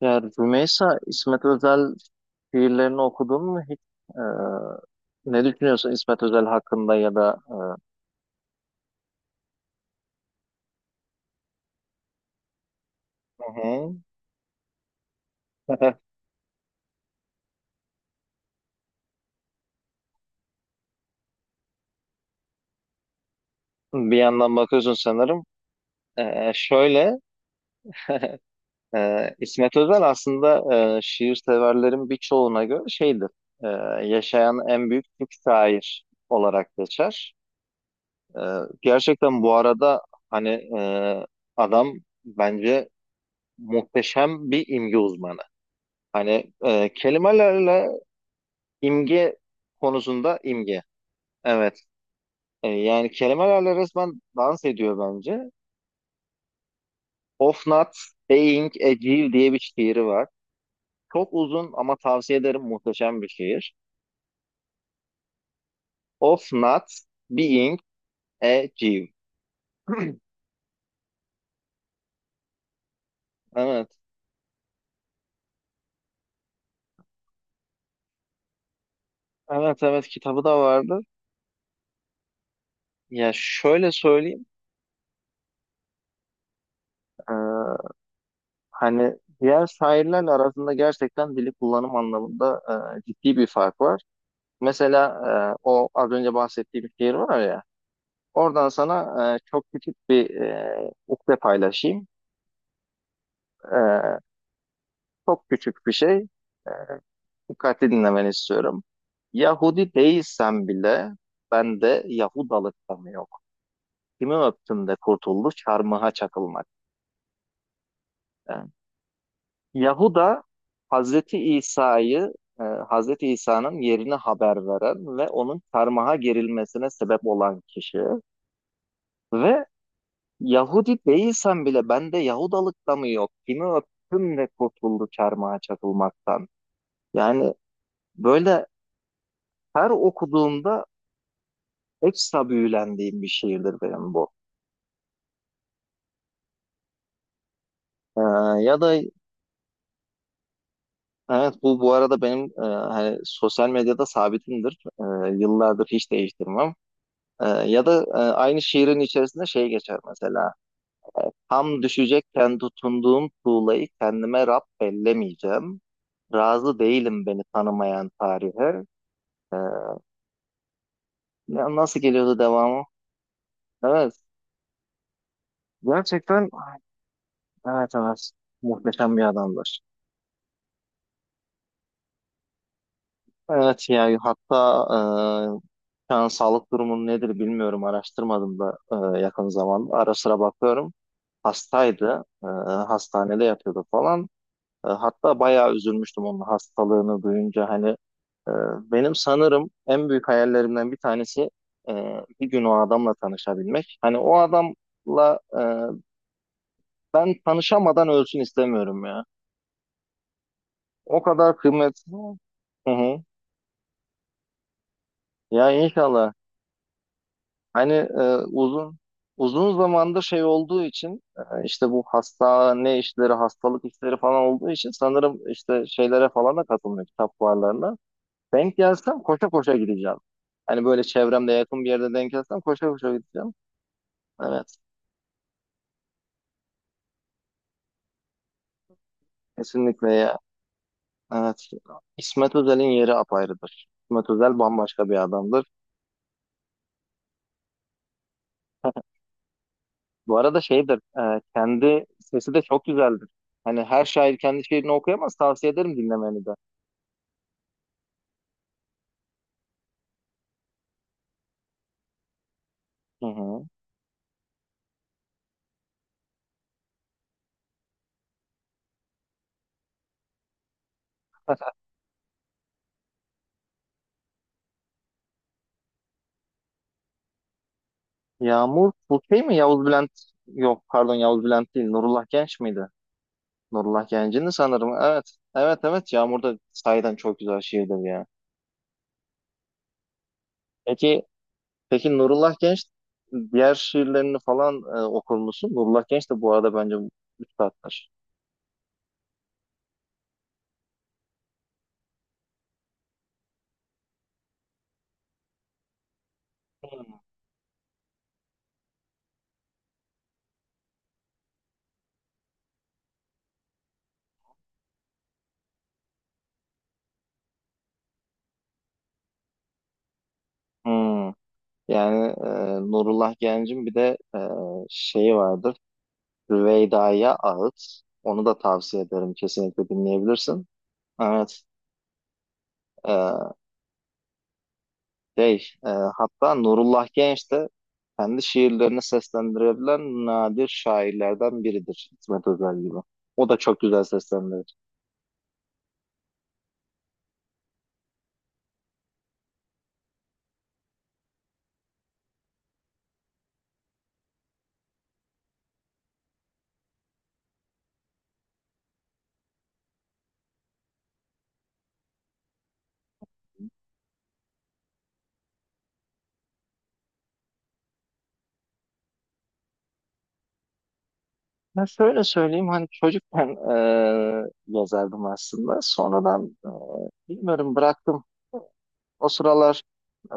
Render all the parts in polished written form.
Ya Rümeysa, İsmet Özel şiirlerini okudun mu hiç? Ee, Ne düşünüyorsun İsmet Özel hakkında ya da? Hı hı. Bir yandan bakıyorsun sanırım. Ee, şöyle, İsmet Özel aslında, şiir severlerin birçoğuna göre şeydir. e, Yaşayan en büyük Türk şair olarak geçer. E, Gerçekten bu arada hani e, adam bence muhteşem bir imge uzmanı. Hani, kelimelerle. İmge konusunda, imge. Evet. Yani kelimelerle resmen dans ediyor bence. Of Not Being a Jew diye bir şiiri var. Çok uzun ama tavsiye ederim, muhteşem bir şiir. Of Not Being a Jew. Evet. Evet, evet, kitabı da vardı. Ya şöyle söyleyeyim, e, hani diğer şairlerle arasında gerçekten dili kullanım anlamında ciddi bir fark var. Mesela, o az önce bahsettiğim şiir var ya. Oradan sana, çok küçük bir, ukde paylaşayım. E, Çok küçük bir şey. E, Dikkatli dinlemeni istiyorum. Yahudi değilsen bile bende Yahudalık da mı yok? Kimi öptüm de kurtuldu çarmıha çakılmak. E, Yahuda Hazreti İsa'yı, Hazreti İsa'nın yerine haber veren ve onun çarmıha gerilmesine sebep olan kişi. Ve Yahudi değilsen bile bende Yahudalık da mı yok? Kimi öptüm de kurtuldu çarmıha çakılmaktan. Yani böyle, her okuduğumda ekstra büyülendiğim bir şiirdir benim bu. Ee, Ya da evet, bu bu arada benim, hani sosyal medyada sabitimdir. Yıllardır hiç değiştirmem. Ya da, aynı şiirin içerisinde şey geçer mesela. Tam düşecekken tutunduğum tuğlayı kendime Rab bellemeyeceğim. Razı değilim beni tanımayan tarihe. Ee, Ya, nasıl geliyordu devamı? Evet. Gerçekten, evet, evet. Muhteşem bir adamdır. Evet ya, hatta, şu an sağlık durumu nedir bilmiyorum. Araştırmadım da yakın zamanda. Ara sıra bakıyorum. Hastaydı. E, hastanede yatıyordu falan. Hatta bayağı üzülmüştüm onun hastalığını duyunca. Hani, e, benim sanırım en büyük hayallerimden bir tanesi, e, bir gün o adamla tanışabilmek. Hani o adamla, ben tanışamadan ölsün istemiyorum ya. O kadar kıymetli. Hı hı. Ya inşallah. Hani, uzun zamandır şey olduğu için, işte bu hastane işleri, hastalık işleri falan olduğu için, sanırım işte şeylere falan da katılmıyor, kitap fuarlarına. Denk gelsem koşa koşa gideceğim. Hani böyle çevremde yakın bir yerde denk gelsem koşa koşa gideceğim. Evet. Kesinlikle ya. Evet. İsmet Özel'in yeri apayrıdır. İsmet Özel bambaşka bir adamdır. Bu arada şeydir, kendi sesi de çok güzeldir. Hani her şair kendi şiirini okuyamaz, tavsiye ederim dinlemeni de. Hı hı. Yağmur, bu şey mi? Yavuz Bülent, yok pardon Yavuz Bülent değil, Nurullah Genç miydi? Nurullah Genç'indi sanırım, evet. Evet evet, Yağmur da sahiden çok güzel şiirdir ya. Peki, peki Nurullah Genç diğer şiirlerini falan okur musun? Nurullah Genç de bu arada bence üstattır. Hmm. Hmm. Yani, Nurullah Genç'in bir de, şeyi vardır. Rüveyda'ya ait. Onu da tavsiye ederim. Kesinlikle dinleyebilirsin. Evet. Ee, şey, Hatta Nurullah Genç de kendi şiirlerini seslendirebilen nadir şairlerden biridir, İsmet Özel gibi. O da çok güzel seslendirir. Ben şöyle söyleyeyim, hani çocukken, yazardım aslında. Sonradan, bilmiyorum, bıraktım. O sıralar, e,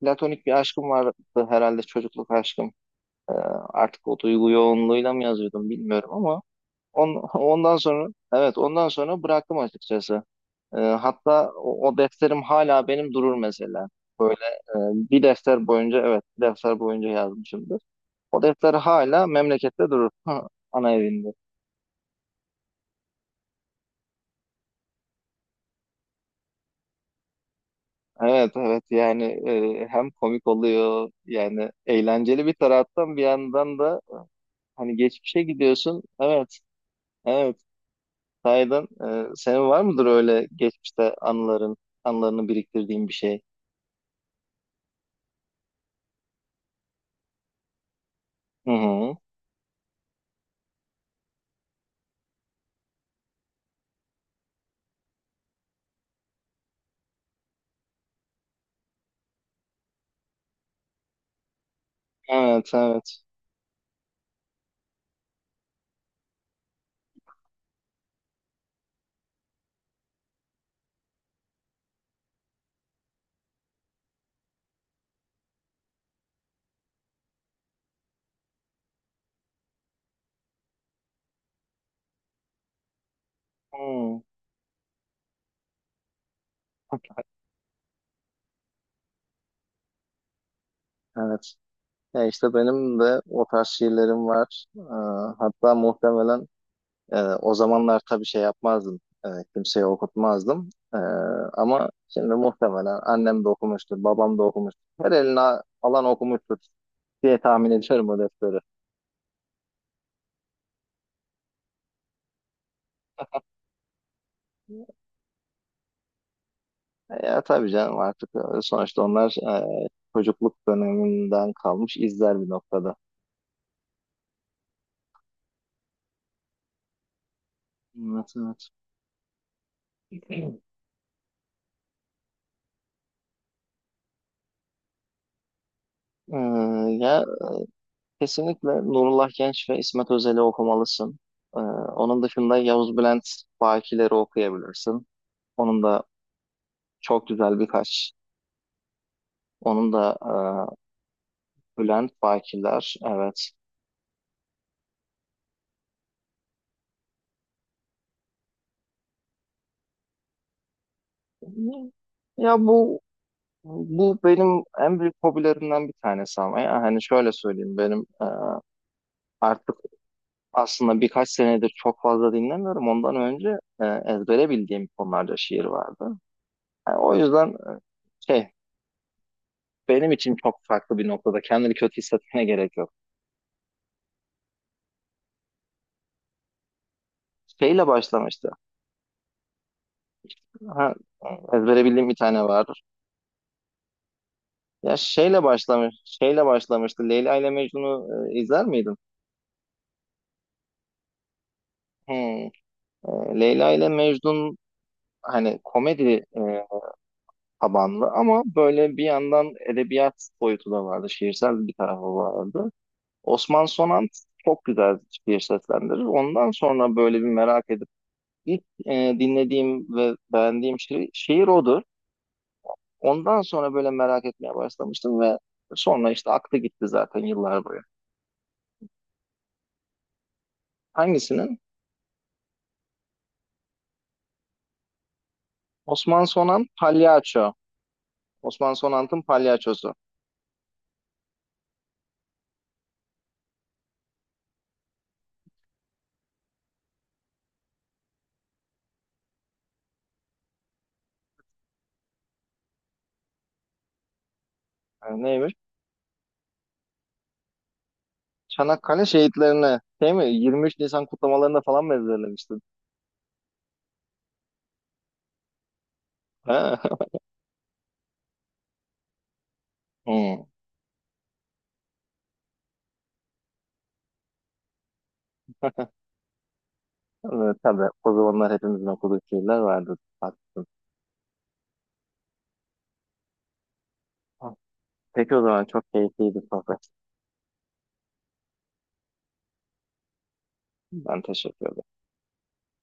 platonik bir aşkım vardı, herhalde çocukluk aşkım. E, Artık o duygu yoğunluğuyla mı yazıyordum bilmiyorum ama ondan sonra, evet, ondan sonra bıraktım açıkçası. Hatta o defterim hala benim durur mesela. Ee, bir defter boyunca evet bir defter boyunca yazmışımdır. O defter hala memlekette durur. Ana evinde. Evet, evet, yani, hem komik oluyor yani, eğlenceli bir taraftan, bir yandan da hani geçmişe gidiyorsun. Evet, evet, sahiden. Senin var mıdır öyle geçmişte anılarını biriktirdiğin bir şey? Hı hı. Evet, evet. Hı. Evet. Ya işte benim de o tarz şiirlerim var. Hatta muhtemelen, o zamanlar tabii şey yapmazdım. E, Kimseye okutmazdım. E, ama şimdi muhtemelen annem de okumuştur, babam da okumuştur. Her eline alan okumuştur diye tahmin ediyorum o defteri. Ya tabii canım, artık, sonuçta onlar, e, çocukluk döneminden kalmış izler bir noktada. Evet, evet. Ee, Ya kesinlikle Nurullah Genç ve İsmet Özel'i okumalısın. Ee, Onun dışında Yavuz Bülent Bakiler'i okuyabilirsin. Onun da çok güzel birkaç. Onun da, Bülent Bakiler, evet. Ya bu, benim en büyük hobilerimden bir tanesi, ama ya hani şöyle söyleyeyim, benim, artık aslında birkaç senedir çok fazla dinlemiyorum. Ondan önce, ezbere bildiğim konularda şiir vardı. Yani o yüzden, şey benim için çok farklı bir noktada. Kendini kötü hissetmene gerek yok. Şeyle başlamıştı. Ha, ezbere bildiğim bir tane vardır. Ya şeyle başlamıştı. Leyla ile Mecnun'u, izler miydin? Hmm. E, Leyla ile Mecnun, hani komedi, tabanlı ama böyle bir yandan edebiyat boyutu da vardı. Şiirsel bir tarafı vardı. Osman Sonant çok güzel şiir seslendirir. Ondan sonra böyle bir merak edip ilk, dinlediğim ve beğendiğim şiir odur. Ondan sonra böyle merak etmeye başlamıştım ve sonra işte aklı gitti zaten yıllar boyu. Hangisinin? Osman Sonan Palyaço. Osman Sonant'ın palyaçosu. Yani neymiş? Çanakkale şehitlerini değil mi? 23 Nisan kutlamalarında falan mı ezberlemiştin? Ha? Hmm. Evet, tabii o zamanlar hepimizin okuduğu şeyler vardı. Haklısın. Peki o zaman çok keyifliydi sohbet. Ben teşekkür ederim.